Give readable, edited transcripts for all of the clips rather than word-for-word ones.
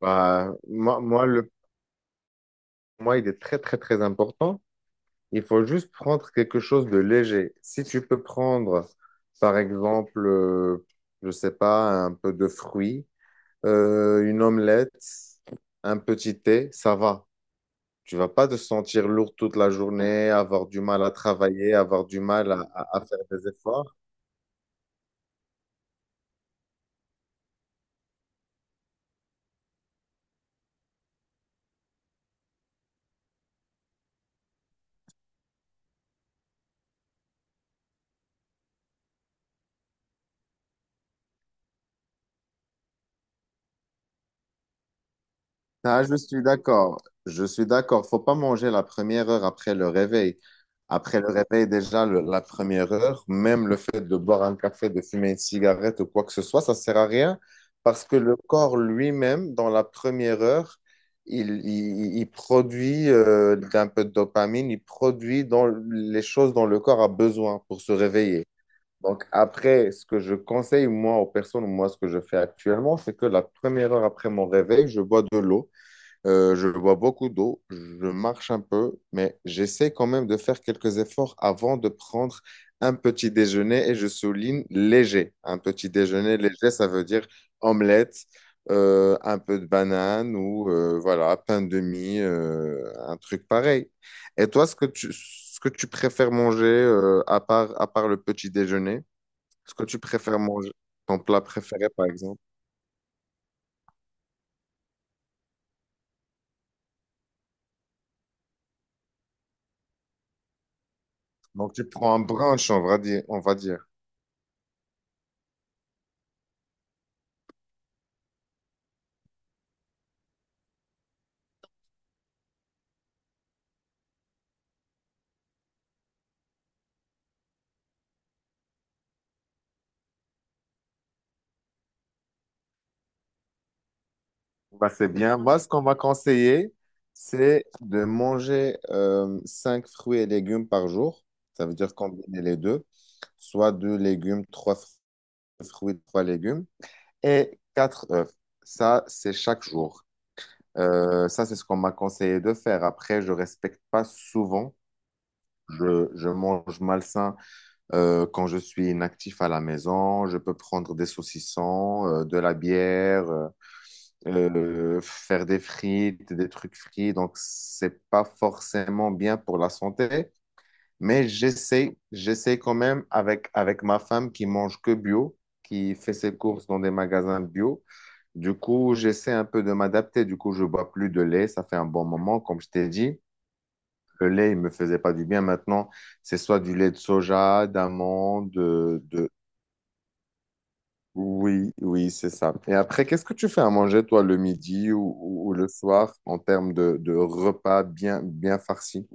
Bah, moi, il est très important. Il faut juste prendre quelque chose de léger. Si tu peux prendre, par exemple, je sais pas, un peu de fruits, une omelette, un petit thé, ça va. Tu vas pas te sentir lourd toute la journée, avoir du mal à travailler, avoir du mal à, à faire des efforts. Ah, je suis d'accord. Je suis d'accord. Faut pas manger la première heure après le réveil. Après le réveil, déjà, la première heure, même le fait de boire un café, de fumer une cigarette ou quoi que ce soit, ça sert à rien parce que le corps lui-même, dans la première heure, il produit un peu de dopamine, il produit dans les choses dont le corps a besoin pour se réveiller. Donc après, ce que je conseille, moi, aux personnes, moi, ce que je fais actuellement, c'est que la première heure après mon réveil, je bois de l'eau. Je bois beaucoup d'eau, je marche un peu, mais j'essaie quand même de faire quelques efforts avant de prendre un petit déjeuner et je souligne léger. Un petit déjeuner léger, ça veut dire omelette, un peu de banane ou voilà, pain de mie, un truc pareil. Et toi, ce que tu préfères manger à part le petit déjeuner, ce que tu préfères manger, ton plat préféré par exemple. Donc tu prends un brunch, on va dire, on va dire. Bah, c'est bien. Moi, ce qu'on m'a conseillé, c'est de manger 5 fruits et légumes par jour. Ça veut dire combiner les deux, soit 2 légumes, 3 fruits, 3 légumes et 4 œufs. Ça, c'est chaque jour. Ça, c'est ce qu'on m'a conseillé de faire. Après, je respecte pas souvent. Je mange malsain quand je suis inactif à la maison. Je peux prendre des saucissons, de la bière. Faire des frites, des trucs frits, donc c'est pas forcément bien pour la santé, mais j'essaie, j'essaie quand même avec, avec ma femme qui mange que bio, qui fait ses courses dans des magasins bio. Du coup, j'essaie un peu de m'adapter. Du coup, je bois plus de lait. Ça fait un bon moment, comme je t'ai dit. Le lait, il me faisait pas du bien. Maintenant, c'est soit du lait de soja, d'amande, oui, oui, c'est ça. Et après, qu'est-ce que tu fais à manger, toi, le midi ou, ou le soir, en termes de repas bien, bien farcis?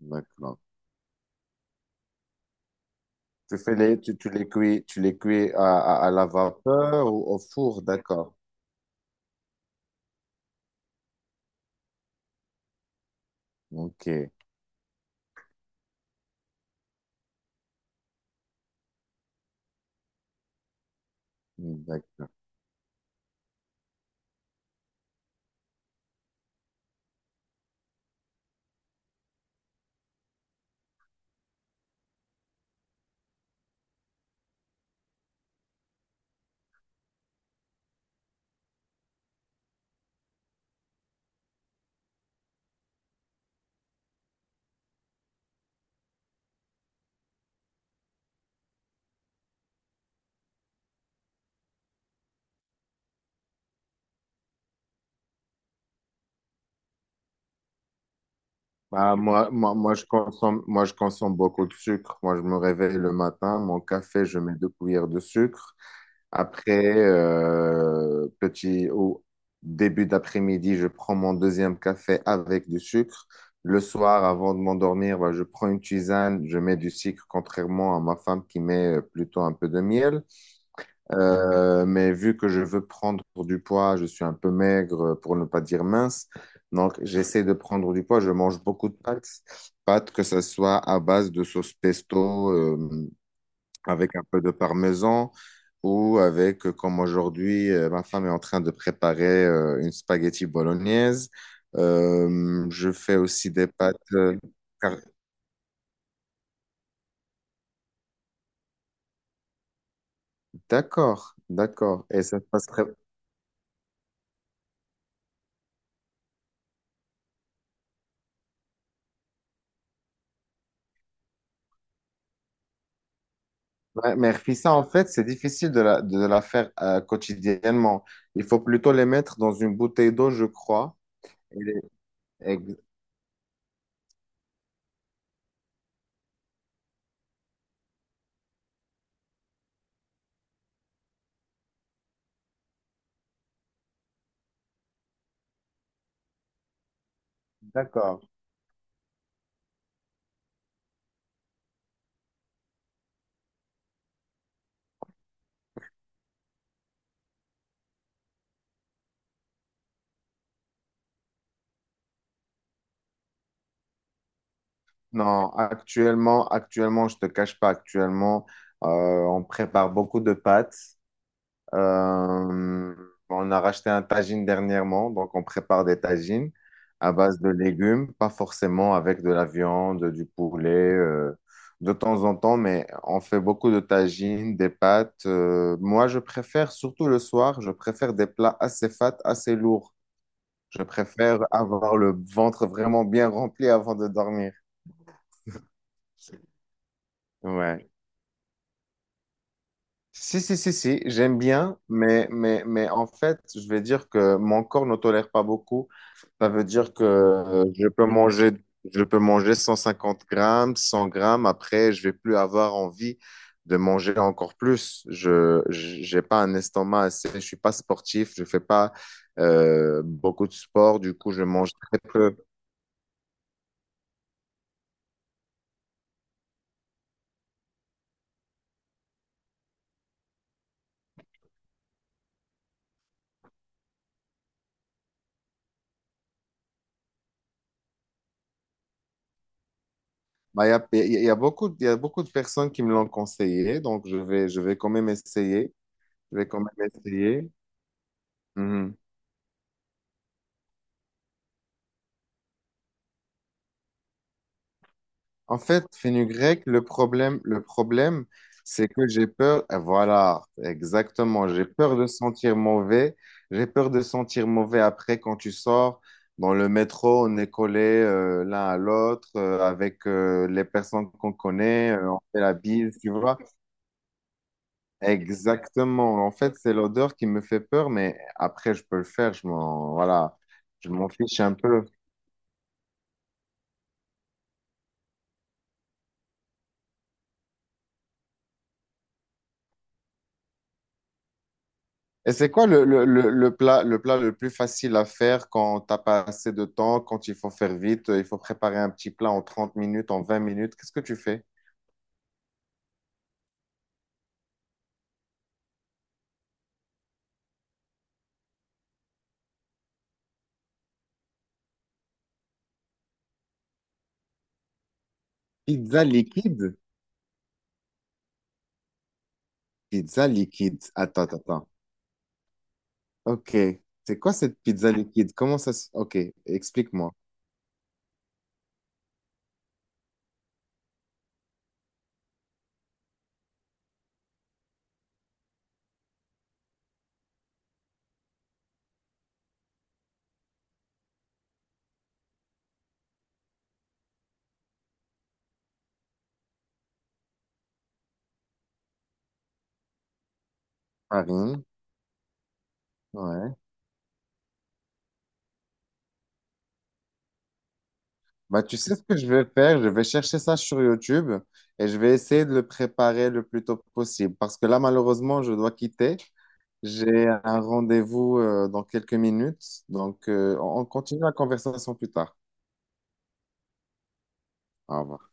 D'accord. Tu fais les, tu les cuis à, à la vapeur ou au four, d'accord. Ok, d'accord. Bah, je consomme, moi, je consomme beaucoup de sucre. Moi, je me réveille le matin, mon café, je mets deux cuillères de sucre. Après, petit au début d'après-midi, je prends mon deuxième café avec du sucre. Le soir, avant de m'endormir, bah, je prends une tisane, je mets du sucre, contrairement à ma femme qui met plutôt un peu de miel. Mais vu que je veux prendre du poids, je suis un peu maigre, pour ne pas dire mince. Donc, j'essaie de prendre du poids. Je mange beaucoup de pâtes, pâtes que ce soit à base de sauce pesto. Avec un peu de parmesan ou avec, comme aujourd'hui, ma femme est en train de préparer une spaghetti bolognaise. Je fais aussi des pâtes. Car- D'accord, d'accord. Et ça se passe très... Ouais, mais ça, en fait, c'est difficile de la faire quotidiennement. Il faut plutôt les mettre dans une bouteille d'eau, je crois. Et les- ex- D'accord. Non, actuellement, actuellement, je te cache pas, actuellement, on prépare beaucoup de pâtes. Euh, on a racheté un tagine dernièrement, donc on prépare des tagines à base de légumes, pas forcément avec de la viande, du poulet, de temps en temps, mais on fait beaucoup de tagines, des pâtes. Moi, je préfère, surtout le soir, je préfère des plats assez fat, assez lourds. Je préfère avoir le ventre vraiment bien rempli avant de dormir. Ouais. Si, si, si, si, j'aime bien, mais en fait, je vais dire que mon corps ne tolère pas beaucoup. Ça veut dire que je peux manger 150 g, 100 g. Après, je vais plus avoir envie de manger encore plus. J'ai pas un estomac assez, je suis pas sportif, je fais pas beaucoup de sport. Du coup, je mange très peu. Bah, il y a, il y a beaucoup, il y a beaucoup de personnes qui me l'ont conseillé, donc je vais quand même essayer. Je vais quand même essayer. Mmh. En fait, fenugrec, le problème, c'est que j'ai peur. Et voilà, exactement. J'ai peur de sentir mauvais. J'ai peur de sentir mauvais après quand tu sors dans le métro, on est collés l'un à l'autre avec les personnes qu'on connaît. On fait la bise, tu vois. Exactement. En fait, c'est l'odeur qui me fait peur, mais après, je peux le faire. Voilà, je m'en fiche un peu. Et c'est quoi le, le plat, le plat le plus facile à faire quand t'as pas assez de temps, quand il faut faire vite, il faut préparer un petit plat en 30 minutes, en 20 minutes. Qu'est-ce que tu fais? Pizza liquide? Pizza liquide. Attends, attends, attends. Ok. C'est quoi cette pizza liquide? Comment ça se... Ok, explique-moi. Farine. Ouais. Bah, tu sais ce que je vais faire? Je vais chercher ça sur YouTube et je vais essayer de le préparer le plus tôt possible. Parce que là, malheureusement, je dois quitter. J'ai un rendez-vous dans quelques minutes, donc on continue la conversation plus tard. Au revoir.